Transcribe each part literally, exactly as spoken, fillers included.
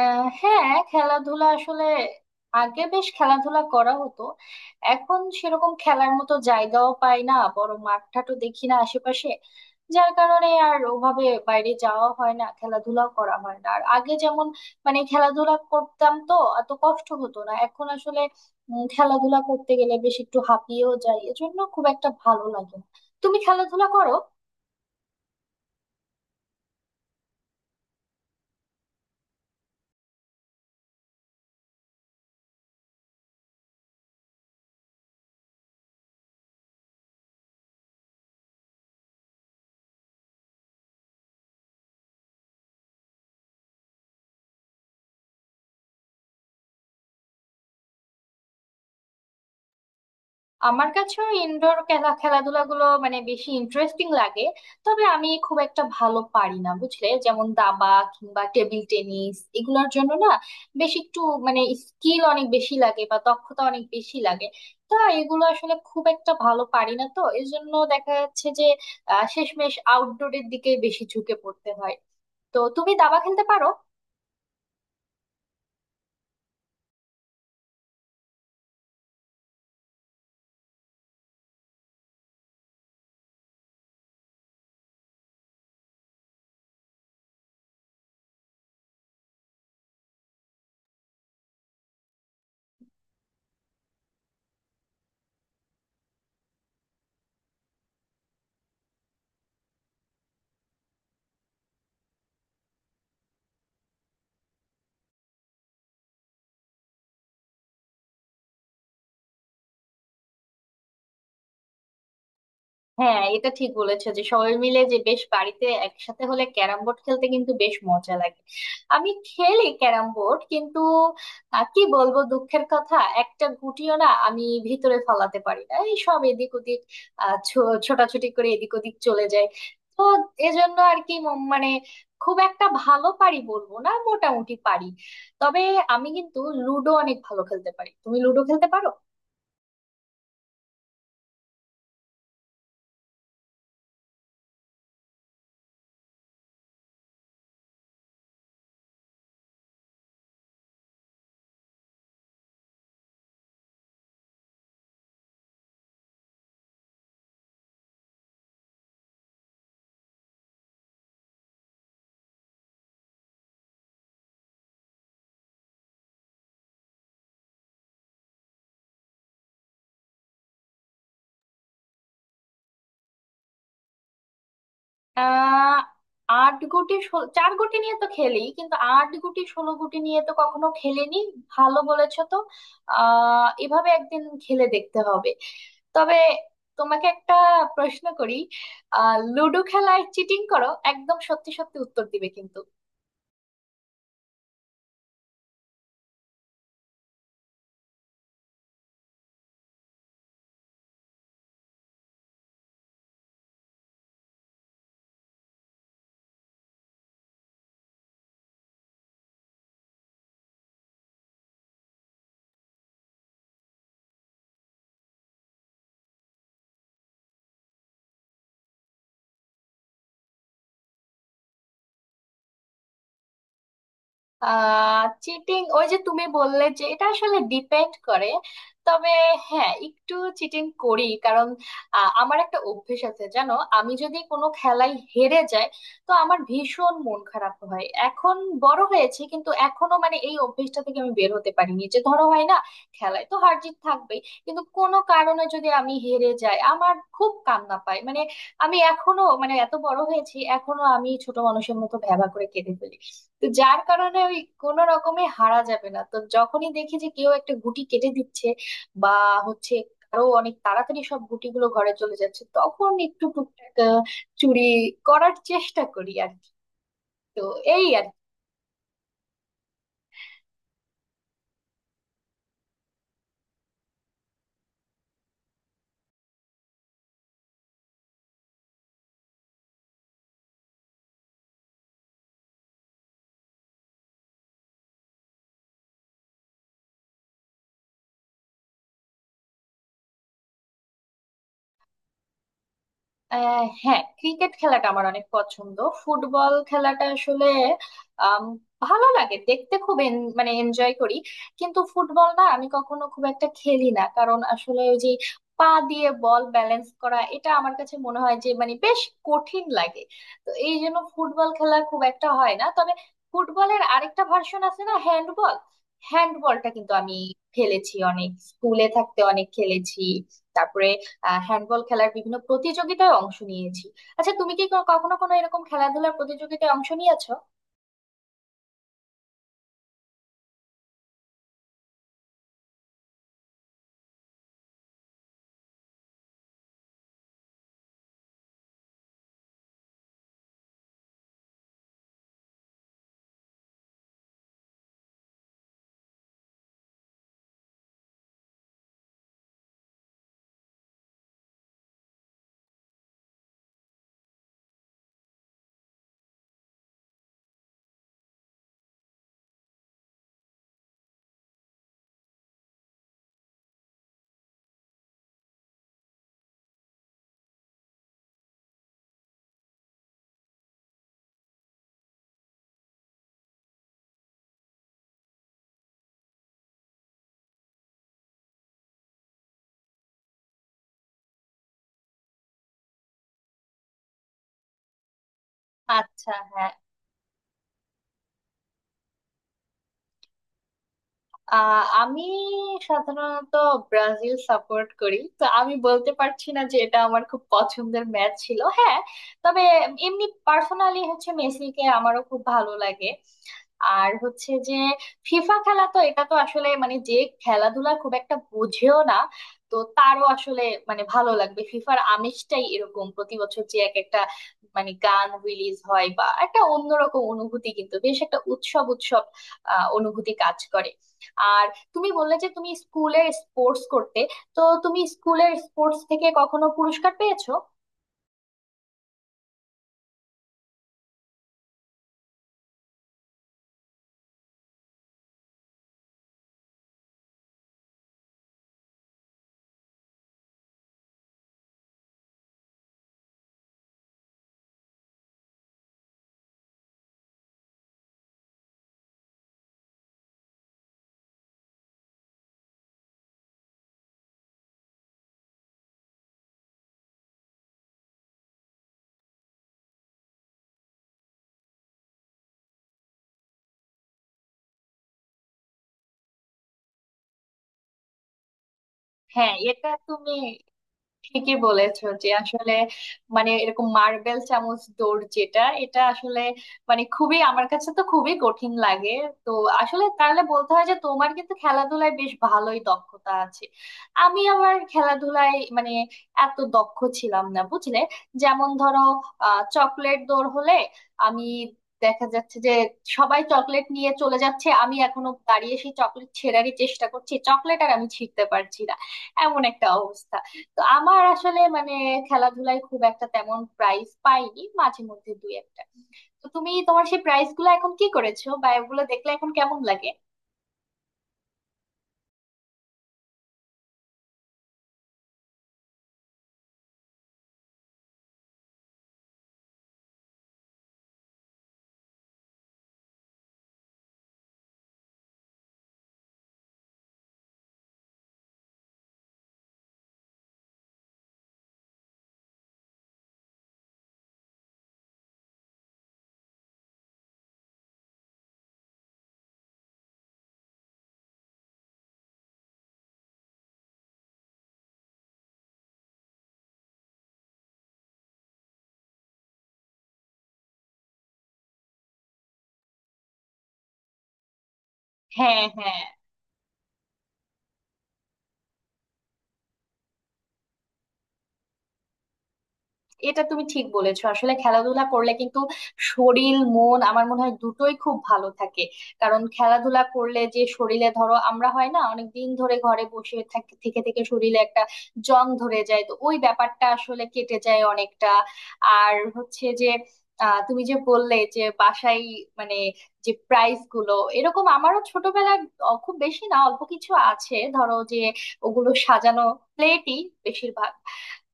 আহ হ্যাঁ, খেলাধুলা আসলে আগে বেশ খেলাধুলা করা হতো। এখন সেরকম খেলার মতো জায়গাও পাই না, বড় মাঠটাও দেখি না আশেপাশে। যার কারণে আর ওভাবে বাইরে যাওয়া হয় না, খেলাধুলাও করা হয় না। আর আগে যেমন মানে খেলাধুলা করতাম তো এত কষ্ট হতো না। এখন আসলে উম, খেলাধুলা করতে গেলে বেশ একটু হাঁপিয়েও যাই, এজন্য খুব একটা ভালো লাগে না। তুমি খেলাধুলা করো? আমার কাছেও ইনডোর খেলা খেলাধুলা গুলো মানে বেশি ইন্টারেস্টিং লাগে। তবে আমি খুব একটা ভালো পারি না বুঝলে, যেমন দাবা কিংবা টেবিল টেনিস এগুলোর জন্য না বেশ একটু মানে স্কিল অনেক বেশি লাগে বা দক্ষতা অনেক বেশি লাগে। তা এগুলো আসলে খুব একটা ভালো পারি না, তো এই জন্য দেখা যাচ্ছে যে আহ শেষমেশ আউটডোরের দিকে বেশি ঝুঁকে পড়তে হয়। তো তুমি দাবা খেলতে পারো? হ্যাঁ, এটা ঠিক বলেছো যে সবাই মিলে যে বেশ বাড়িতে একসাথে হলে ক্যারাম বোর্ড খেলতে কিন্তু বেশ মজা লাগে। আমি খেলি ক্যারাম বোর্ড, কিন্তু আহ, কি বলবো দুঃখের কথা, একটা গুটিও না আমি ভিতরে ফলাতে পারি না, এই সব এদিক ওদিক আহ ছো- ছোটাছুটি করে এদিক ওদিক চলে যায়। তো এজন্য আর কি ম- মানে খুব একটা ভালো পারি বলবো না, মোটামুটি পারি। তবে আমি কিন্তু লুডো অনেক ভালো খেলতে পারি। তুমি লুডো খেলতে পারো? আহ আট গুটি ষোল- চার গুটি নিয়ে তো খেলি, কিন্তু আট গুটি ষোলো গুটি নিয়ে তো কখনো খেলিনি। ভালো বলেছো তো, আহ এভাবে একদিন খেলে দেখতে হবে। তবে তোমাকে একটা প্রশ্ন করি, আহ লুডো খেলায় চিটিং করো? একদম সত্যি সত্যি উত্তর দিবে কিন্তু। আহ চিটিং ওই যে তুমি বললে যে এটা আসলে ডিপেন্ড করে। তবে হ্যাঁ, একটু চিটিং করি, কারণ আহ, আমার একটা অভ্যেস আছে জানো, আমি যদি কোনো খেলায় হেরে যাই তো আমার ভীষণ মন খারাপ হয়। এখন বড় হয়েছে কিন্তু এখনো মানে এই অভ্যেসটা থেকে আমি বের হতে পারিনি। যে ধরো হয় না, খেলায় তো হার জিত থাকবেই, কিন্তু কোনো কারণে যদি আমি হেরে যাই আমার খুব কান্না পায় মানে। আমি এখনো মানে এত বড় হয়েছি এখনো আমি ছোট মানুষের মতো ভ্যাবা করে কেঁদে ফেলি। তো যার কারণে ওই কোনো রকমে হারা যাবে না, তো যখনই দেখি যে কেউ একটা গুটি কেটে দিচ্ছে বা হচ্ছে আরো অনেক তাড়াতাড়ি সব গুটিগুলো ঘরে চলে যাচ্ছে, তখন একটু টুকটাক আহ, চুরি করার চেষ্টা করি আর কি। তো এই আর কি। আহ হ্যাঁ, ক্রিকেট খেলাটা আমার অনেক পছন্দ। ফুটবল খেলাটা আসলে আম, ভালো লাগে দেখতে, খুব en- মানে এনজয় করি, কিন্তু ফুটবল না আমি কখনো খুব একটা খেলি না, কারণ আসলে ওই যে পা দিয়ে বল ব্যালেন্স করা এটা আমার কাছে মনে হয় যে মানে বেশ কঠিন লাগে। তো এই জন্য ফুটবল খেলা খুব একটা হয় না। তবে ফুটবলের আরেকটা ভার্সন আছে না, হ্যান্ডবল। হ্যান্ডবলটা কিন্তু আমি খেলেছি অনেক, স্কুলে থাকতে অনেক খেলেছি। তারপরে হ্যান্ডবল খেলার বিভিন্ন প্রতিযোগিতায় অংশ নিয়েছি। আচ্ছা, তুমি কি ক- কখনো কোনো এরকম খেলাধুলার প্রতিযোগিতায় অংশ নিয়েছো? আচ্ছা, হ্যাঁ। আহ, আমি সাধারণত ব্রাজিল সাপোর্ট করি, তো আমি বলতে পারছি না যে এটা আমার খুব পছন্দের ম্যাচ ছিল। হ্যাঁ, তবে এমনি পার্সোনালি হচ্ছে মেসিকে আমারও খুব ভালো লাগে। আর হচ্ছে যে ফিফা খেলা তো এটা তো আসলে মানে যে খেলাধুলা খুব একটা বুঝেও না, তো তারও আসলে মানে ভালো লাগবে। ফিফার আমেজটাই এরকম, প্রতি বছর যে এক একটা মানে গান রিলিজ হয় বা একটা অন্যরকম অনুভূতি, কিন্তু বেশ একটা উৎসব উৎসব আহ অনুভূতি কাজ করে। আর তুমি বললে যে তুমি স্কুলের স্পোর্টস করতে, তো তুমি স্কুলের স্পোর্টস থেকে কখনো পুরস্কার পেয়েছো? হ্যাঁ, এটা তুমি ঠিকই বলেছো যে আসলে মানে এরকম মার্বেল চামচ দৌড় যেটা, এটা আসলে মানে খুবই, আমার কাছে তো খুবই কঠিন লাগে। তো আসলে তাহলে বলতে হয় যে তোমার কিন্তু খেলাধুলায় বেশ ভালোই দক্ষতা আছে। আমি আমার খেলাধুলায় মানে এত দক্ষ ছিলাম না বুঝলে। যেমন ধরো আহ চকলেট দৌড় হলে আমি, দেখা যাচ্ছে যে সবাই চকলেট নিয়ে চলে যাচ্ছে, আমি এখনো দাঁড়িয়ে সেই চকলেট ছেঁড়ারই চেষ্টা করছি, চকলেট আর আমি ছিঁড়তে পারছি না, এমন একটা অবস্থা। তো আমার আসলে মানে খেলাধুলায় খুব একটা তেমন প্রাইজ পাইনি, মাঝে মধ্যে দুই একটা। তো তুমি তোমার সেই প্রাইজ গুলো এখন কি করেছো, বা এগুলো দেখলে এখন কেমন লাগে? হ্যাঁ, হ্যাঁ, এটা তুমি ঠিক বলেছো। আসলে খেলাধুলা করলে কিন্তু শরীর মন আমার মনে হয় দুটোই খুব ভালো থাকে। কারণ খেলাধুলা করলে যে শরীরে, ধরো আমরা হয় না অনেক দিন ধরে ঘরে বসে থাক- থেকে থেকে শরীরে একটা জং ধরে যায়, তো ওই ব্যাপারটা আসলে কেটে যায় অনেকটা। আর হচ্ছে যে আহ, তুমি যে বললে যে বাসায় মানে যে প্রাইস গুলো, এরকম আমারও ছোটবেলায় অ- খুব বেশি না, অল্প কিছু আছে। ধরো যে ওগুলো সাজানো, প্লেটই বেশিরভাগ।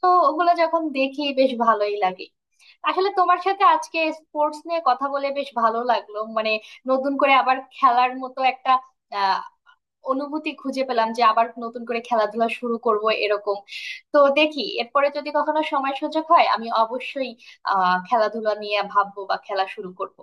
তো ওগুলো যখন দেখি বেশ ভালোই লাগে। আসলে তোমার সাথে আজকে স্পোর্টস নিয়ে কথা বলে বেশ ভালো লাগলো মানে। নতুন করে আবার খেলার মতো একটা আহ অনুভূতি খুঁজে পেলাম, যে আবার নতুন করে খেলাধুলা শুরু করব এরকম। তো দেখি এরপরে যদি কখনো সময় সুযোগ হয় আমি অবশ্যই আহ খেলাধুলা নিয়ে ভাববো বা খেলা শুরু করব।